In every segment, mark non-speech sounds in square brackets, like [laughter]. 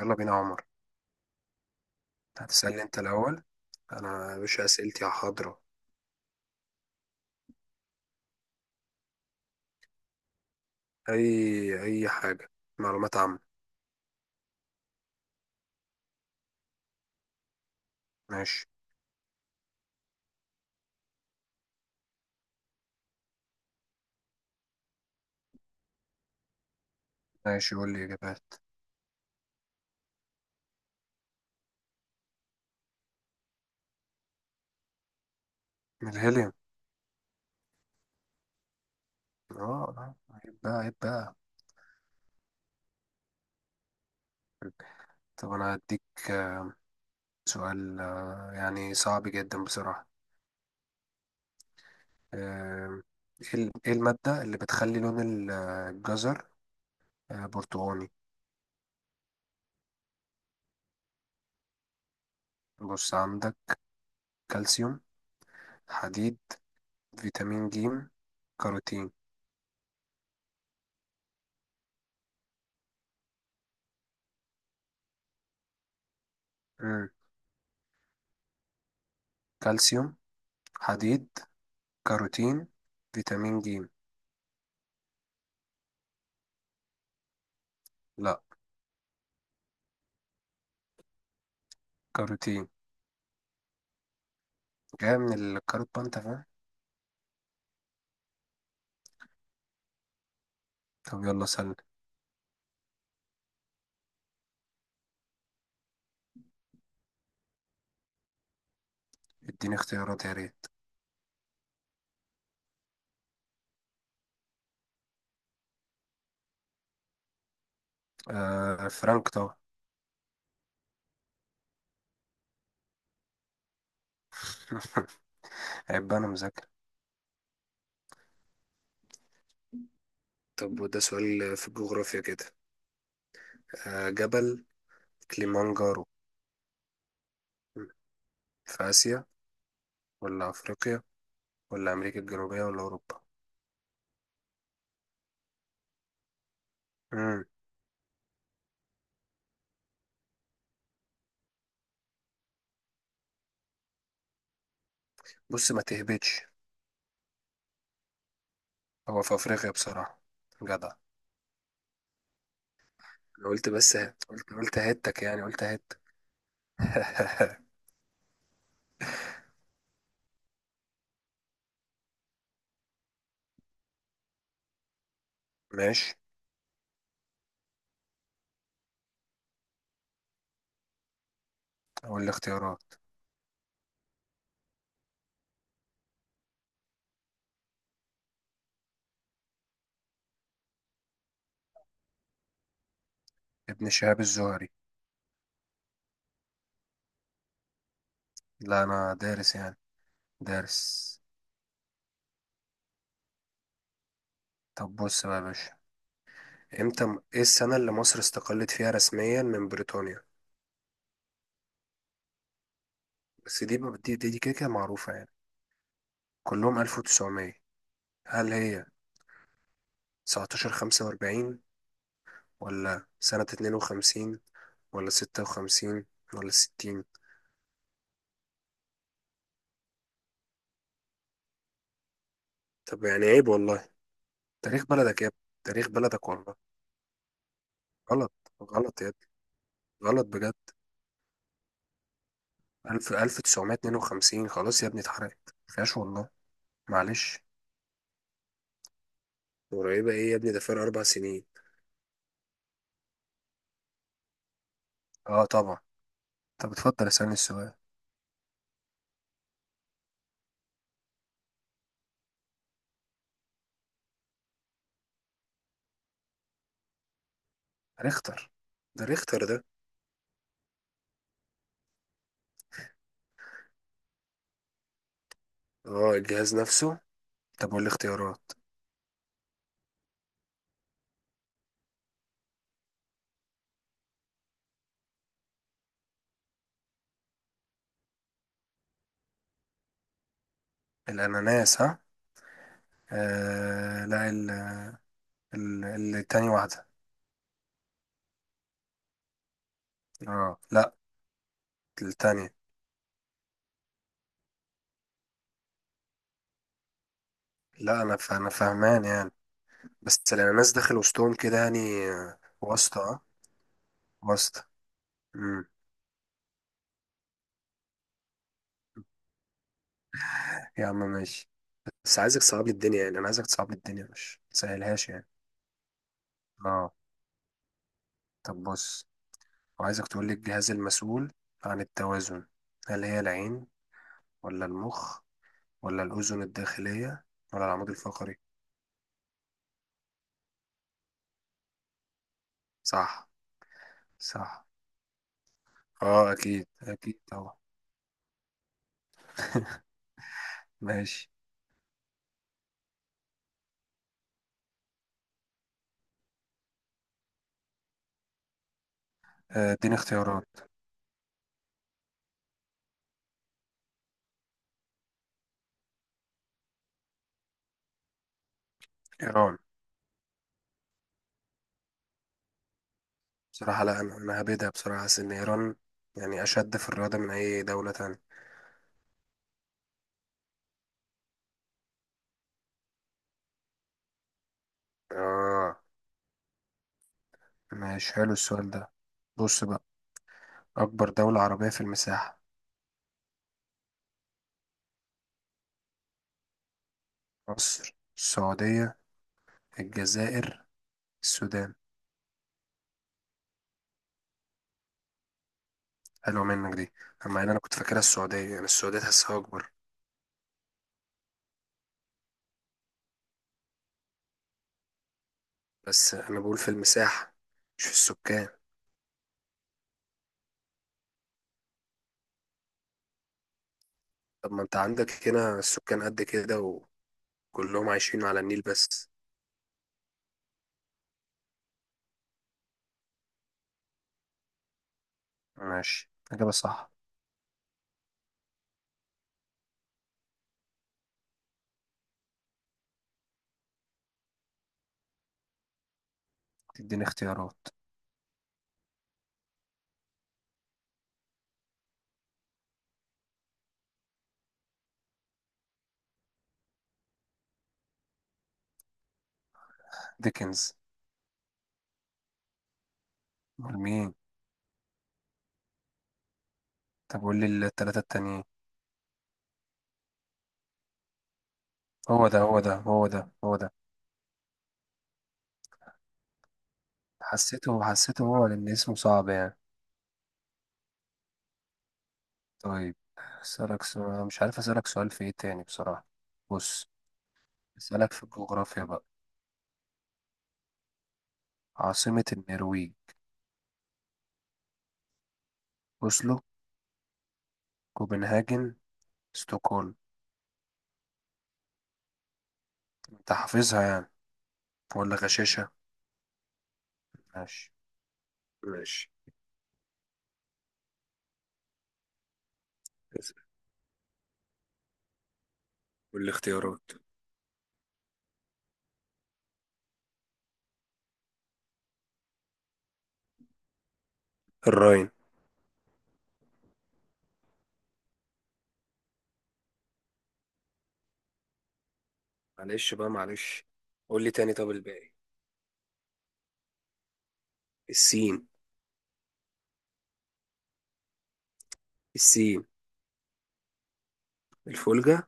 يلا بينا يا عمر. هتسألني انت الأول؟ أنا يا باشا أسئلتي حاضرة. أي أي حاجة. معلومات عامة. ماشي. ماشي قول لي إجابات. من الهيليوم. اه، عيب بقى، عيب بقى. طب أنا هديك آه، سؤال يعني صعب جدا بصراحة. آه، إيه إيه المادة اللي بتخلي لون الجزر برتقاني؟ بص عندك: كالسيوم، حديد، فيتامين ج، كاروتين. مم. كالسيوم، حديد، كاروتين، فيتامين ج. لا. كاروتين. جاية من الكاروت بقى، انت فاهم. طب يلا سألني. اديني اختيارات يا ريت. آه، فرانك طبعا. عيب بقى، انا مذاكر. طب وده سؤال في الجغرافيا كده. جبل كليمانجارو، في آسيا ولا أفريقيا ولا أمريكا الجنوبية ولا أوروبا؟ مم. بص ما تهبطش. هو في أفريقيا بصراحة. جدع. أنا قلت بس. قلت قلت هتك، يعني قلت هت [laughs] ماشي. أقول الاختيارات. ابن شهاب الزهري. لا، أنا دارس يعني. دارس. طب بص بقى يا باشا، امتى ايه السنة اللي مصر استقلت فيها رسميا من بريطانيا؟ بس دي كده كده معروفة يعني. كلهم 1900. هل هي 1945، ولا سنة 52، ولا 56، ولا 60؟ طب يعني عيب والله. تاريخ بلدك يا ابني. تاريخ بلدك والله. غلط. غلط يا ابني. غلط بجد. 1000، 1952، خلاص يا ابني، اتحرقت ما فيهاش والله. معلش. قريبة ايه يا ابني؟ ده فرق 4 سنين. اه طبعا. طب اتفضل اسألني السؤال. ريختر. ده ريختر ده. اه، الجهاز نفسه. طب والاختيارات؟ الأناناس، ها؟ لا، ال التاني واحدة. اه لا، التانية. لا أنا أنا فاهمان يعني. بس الأناناس داخل وسطهم كده، يعني واسطة اه. واسطة. امم يا عم ماشي. بس عايزك تصعب لي الدنيا، يعني أنا عايزك تصعب لي الدنيا مش تسهلهاش يعني. اه. طب بص، وعايزك تقول لي الجهاز المسؤول عن التوازن. هل هي العين، ولا المخ، ولا الأذن الداخلية، ولا العمود الفقري؟ صح. صح. اه أكيد، أكيد طبعا. [laughs] ماشي. اديني اختيارات. إيران. بصراحة لا. أنا هبدها بصراحة، حاسس إن إيران يعني أشد في الرياضة من أي دولة تانية. آه. ماشي، حلو السؤال ده. بص بقى، أكبر دولة عربية في المساحة. مصر، السعودية، الجزائر، السودان. حلوة منك دي. أما أنا، كنت فاكرها السعودية يعني. السعودية تحسها أكبر. بس أنا بقول في المساحة، مش في السكان. طب ما انت عندك هنا السكان قد كده، وكلهم عايشين على النيل بس. ماشي، إجابة صح. تديني اختيارات. ديكنز. أمال مين؟ طب قول لي التلاتة التانيين. هو ده، هو ده، هو ده، هو ده. حسيته، حسيته هو، لأن اسمه صعب يعني. طيب. أسألك سؤال، مش عارف أسألك سؤال في إيه تاني بصراحة. بص، أسألك في الجغرافيا بقى. عاصمة النرويج. أوسلو، كوبنهاجن، ستوكهولم. أنت حافظها يعني. ولا غشاشة. ماشي. ماشي قول لي اختيارات. الراين. معلش بقى، معلش. قول لي تاني طب، الباقي. السين. السين. الفولجة. انا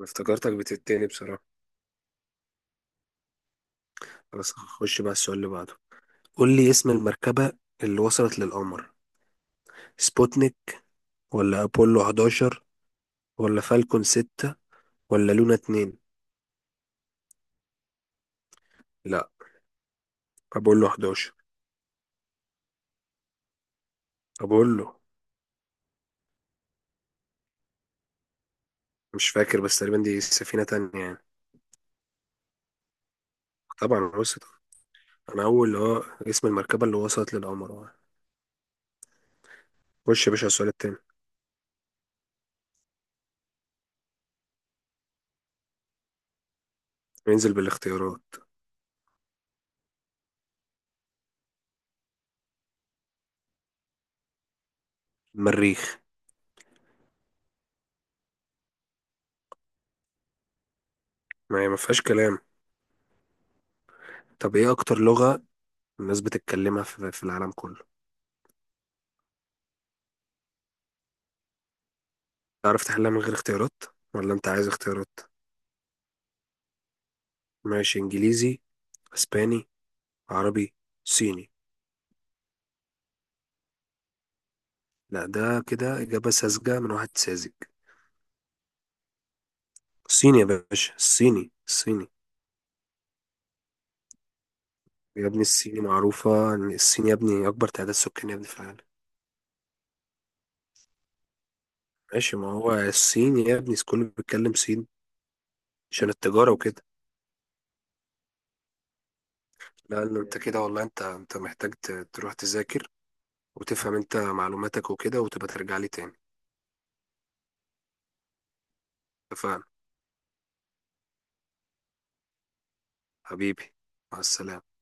افتكرتك بتتاني بصراحة. بس هخش بقى السؤال اللي بعده. قول لي اسم المركبة اللي وصلت للقمر. سبوتنيك، ولا أبولو 11، ولا فالكون 6، ولا لونا 2؟ لا، أبولو 11. أبولو. مش فاكر بس تقريبا دي سفينة تانية يعني. طبعا وصلت. أنا أول اللي هو اسم المركبة اللي وصلت للقمر خش يا باشا على السؤال التاني. ننزل بالاختيارات. المريخ. ما هي ما فيهاش كلام. طب ايه اكتر لغة الناس بتتكلمها في العالم كله؟ تعرف تحلها من غير اختيارات، ولا انت عايز اختيارات؟ ماشي. انجليزي، اسباني، عربي، صيني. لا، ده كده اجابة ساذجة من واحد ساذج. الصيني يا باشا، الصيني، الصيني. يا ابني الصيني، معروفة ان الصين يا ابني اكبر تعداد سكاني يا ابني في العالم. ماشي. ما هو الصين يا ابني كله بيتكلم صيني عشان التجارة وكده. لا، إن انت كده والله. انت محتاج تروح تذاكر وتفهم انت معلوماتك وكده، وتبقى ترجع لي تاني. اتفقنا؟ حبيبي. مع السلامة.